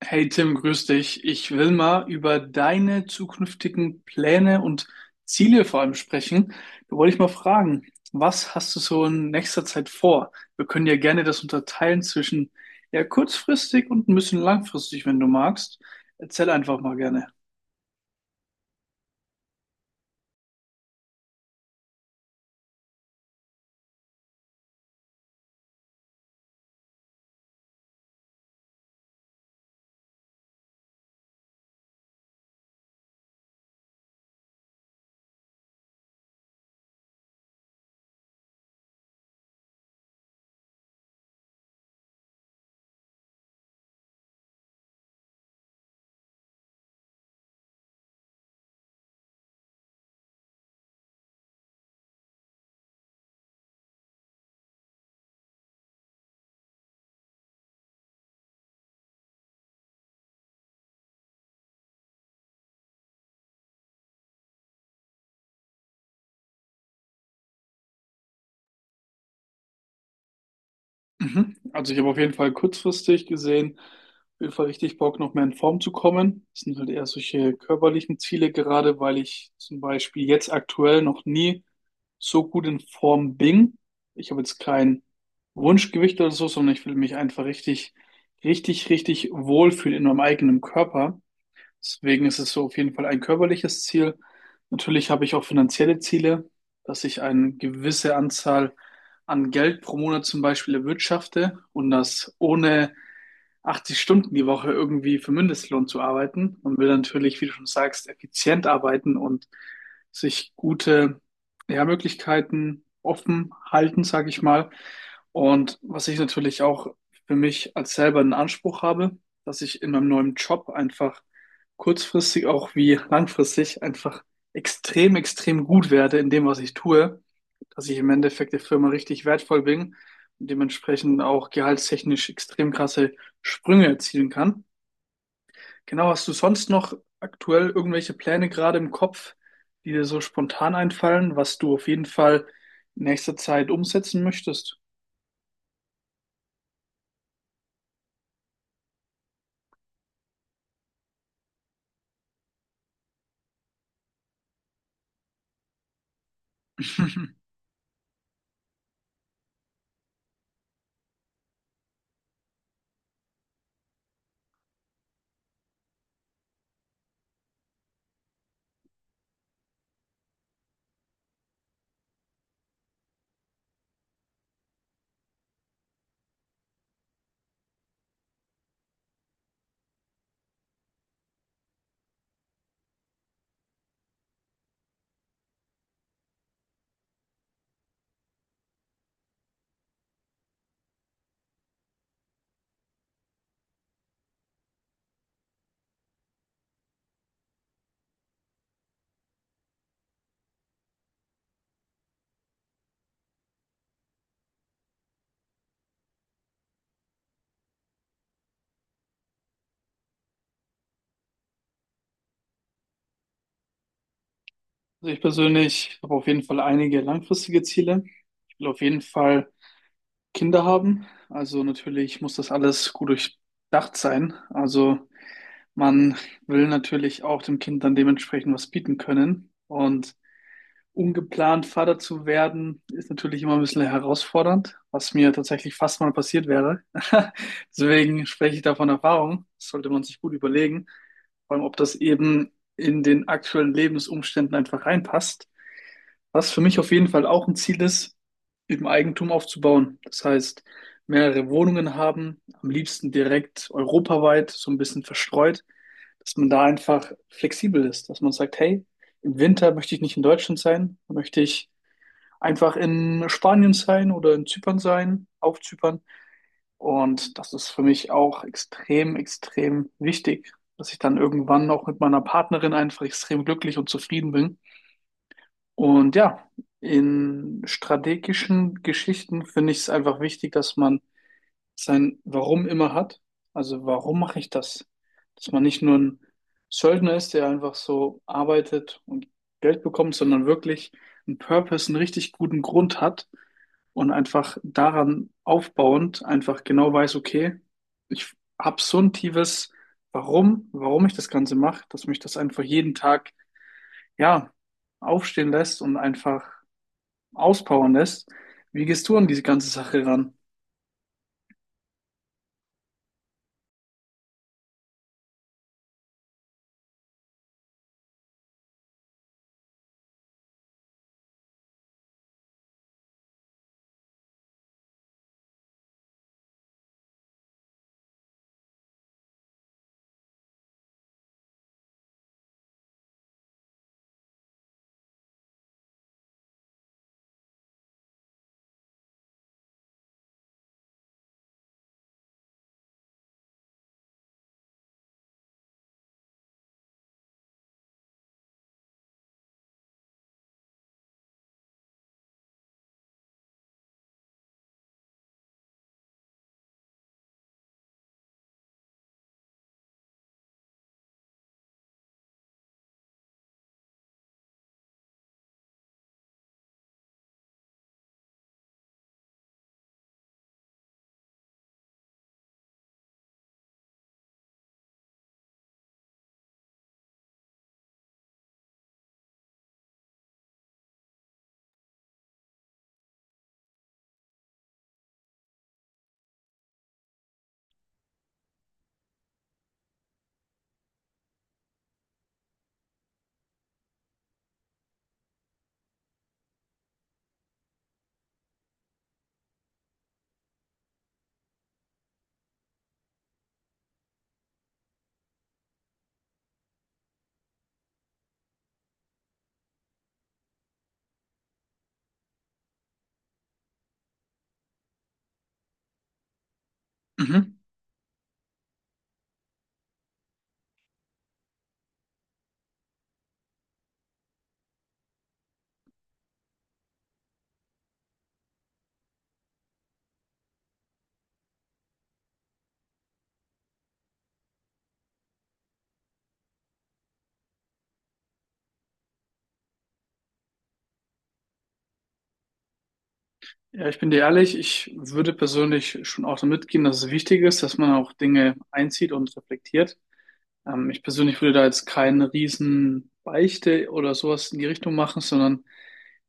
Hey Tim, grüß dich. Ich will mal über deine zukünftigen Pläne und Ziele vor allem sprechen. Da wollte ich mal fragen, was hast du so in nächster Zeit vor? Wir können ja gerne das unterteilen zwischen ja kurzfristig und ein bisschen langfristig, wenn du magst. Erzähl einfach mal gerne. Mhm. Also ich habe auf jeden Fall kurzfristig gesehen, auf jeden Fall richtig Bock, noch mehr in Form zu kommen. Das sind halt eher solche körperlichen Ziele, gerade weil ich zum Beispiel jetzt aktuell noch nie so gut in Form bin. Ich habe jetzt kein Wunschgewicht oder so, sondern ich will mich einfach richtig wohlfühlen in meinem eigenen Körper. Deswegen ist es so auf jeden Fall ein körperliches Ziel. Natürlich habe ich auch finanzielle Ziele, dass ich eine gewisse Anzahl an Geld pro Monat zum Beispiel erwirtschafte und das ohne 80 Stunden die Woche irgendwie für Mindestlohn zu arbeiten und will natürlich, wie du schon sagst, effizient arbeiten und sich gute, ja, Möglichkeiten offen halten, sage ich mal. Und was ich natürlich auch für mich als selber einen Anspruch habe, dass ich in meinem neuen Job einfach kurzfristig auch wie langfristig einfach extrem gut werde in dem, was ich tue, dass ich im Endeffekt der Firma richtig wertvoll bin und dementsprechend auch gehaltstechnisch extrem krasse Sprünge erzielen kann. Genau, hast du sonst noch aktuell irgendwelche Pläne gerade im Kopf, die dir so spontan einfallen, was du auf jeden Fall in nächster Zeit umsetzen möchtest? Also ich persönlich habe auf jeden Fall einige langfristige Ziele. Ich will auf jeden Fall Kinder haben. Also natürlich muss das alles gut durchdacht sein. Also man will natürlich auch dem Kind dann dementsprechend was bieten können. Und ungeplant Vater zu werden, ist natürlich immer ein bisschen herausfordernd, was mir tatsächlich fast mal passiert wäre. Deswegen spreche ich da von Erfahrung. Das sollte man sich gut überlegen, vor allem ob das eben in den aktuellen Lebensumständen einfach reinpasst. Was für mich auf jeden Fall auch ein Ziel ist, eben Eigentum aufzubauen. Das heißt, mehrere Wohnungen haben, am liebsten direkt europaweit, so ein bisschen verstreut, dass man da einfach flexibel ist, dass man sagt, hey, im Winter möchte ich nicht in Deutschland sein, möchte ich einfach in Spanien sein oder in Zypern sein, auf Zypern. Und das ist für mich auch extrem wichtig, dass ich dann irgendwann auch mit meiner Partnerin einfach extrem glücklich und zufrieden bin und ja, in strategischen Geschichten finde ich es einfach wichtig, dass man sein Warum immer hat. Also warum mache ich das? Dass man nicht nur ein Söldner ist, der einfach so arbeitet und Geld bekommt, sondern wirklich einen Purpose, einen richtig guten Grund hat und einfach daran aufbauend einfach genau weiß, okay, ich habe so ein tiefes Warum, warum ich das Ganze mache, dass mich das einfach jeden Tag, ja, aufstehen lässt und einfach auspowern lässt. Wie gehst du an diese ganze Sache ran? Mhm. Ja, ich bin dir ehrlich, ich würde persönlich schon auch damit gehen, dass es wichtig ist, dass man auch Dinge einzieht und reflektiert. Ich persönlich würde da jetzt keine riesen Beichte oder sowas in die Richtung machen, sondern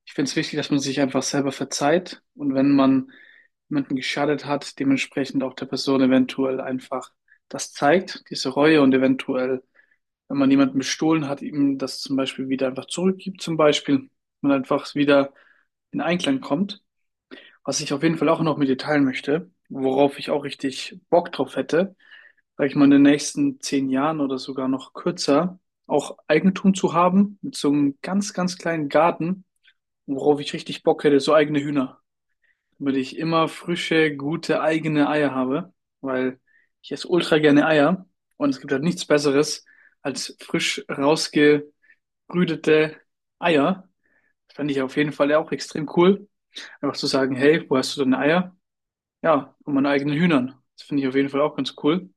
ich finde es wichtig, dass man sich einfach selber verzeiht und wenn man jemanden geschadet hat, dementsprechend auch der Person eventuell einfach das zeigt, diese Reue und eventuell wenn man jemanden bestohlen hat, ihm das zum Beispiel wieder einfach zurückgibt, zum Beispiel, und einfach wieder in Einklang kommt. Was ich auf jeden Fall auch noch mit dir teilen möchte, worauf ich auch richtig Bock drauf hätte, sag ich mal, in den nächsten 10 Jahren oder sogar noch kürzer, auch Eigentum zu haben, mit so einem ganz kleinen Garten, worauf ich richtig Bock hätte, so eigene Hühner, damit ich immer frische, gute, eigene Eier habe, weil ich esse ultra gerne Eier und es gibt halt nichts Besseres als frisch rausge brütete Eier. Das fand ich auf jeden Fall auch extrem cool. Einfach zu sagen, hey, wo hast du deine Eier? Ja, von meinen eigenen Hühnern. Das finde ich auf jeden Fall auch ganz cool.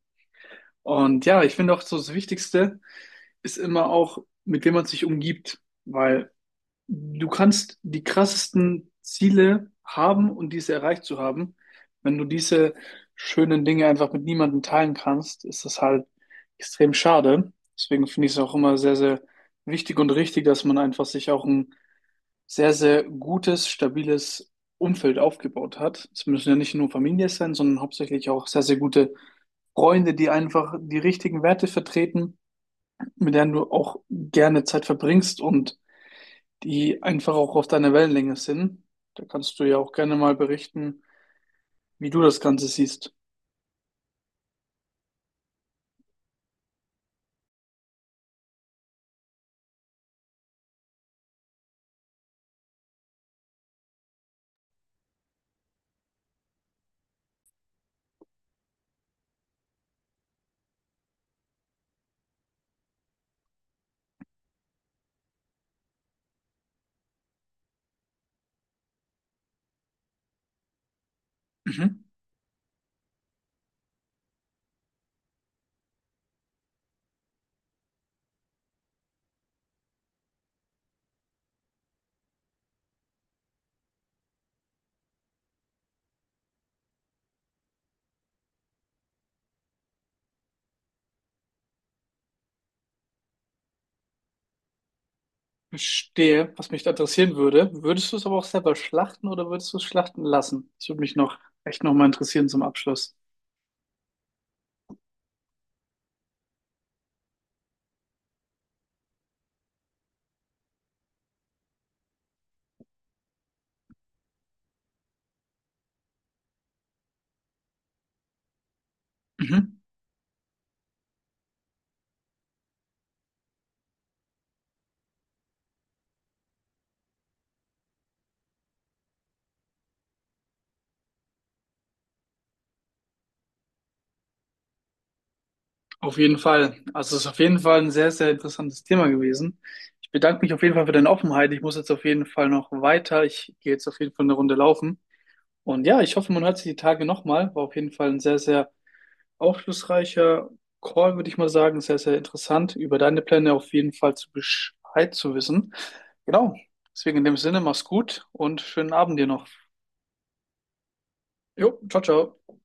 Und ja, ich finde auch so das Wichtigste ist immer auch, mit wem man sich umgibt, weil du kannst die krassesten Ziele haben und diese erreicht zu haben. Wenn du diese schönen Dinge einfach mit niemandem teilen kannst, ist das halt extrem schade. Deswegen finde ich es auch immer sehr wichtig und richtig, dass man einfach sich auch ein sehr gutes, stabiles Umfeld aufgebaut hat. Es müssen ja nicht nur Familie sein, sondern hauptsächlich auch sehr gute Freunde, die einfach die richtigen Werte vertreten, mit denen du auch gerne Zeit verbringst und die einfach auch auf deiner Wellenlänge sind. Da kannst du ja auch gerne mal berichten, wie du das Ganze siehst. Mhm. Verstehe, was mich da interessieren würde. Würdest du es aber auch selber schlachten oder würdest du es schlachten lassen? Das würde mich noch echt nochmal interessieren zum Abschluss. Mhm. Auf jeden Fall. Also es ist auf jeden Fall ein sehr interessantes Thema gewesen. Ich bedanke mich auf jeden Fall für deine Offenheit. Ich muss jetzt auf jeden Fall noch weiter. Ich gehe jetzt auf jeden Fall eine Runde laufen. Und ja, ich hoffe, man hört sich die Tage nochmal. War auf jeden Fall ein sehr aufschlussreicher Call, würde ich mal sagen. Sehr interessant, über deine Pläne auf jeden Fall zu Bescheid zu wissen. Genau. Deswegen in dem Sinne, mach's gut und schönen Abend dir noch. Jo, ciao, ciao.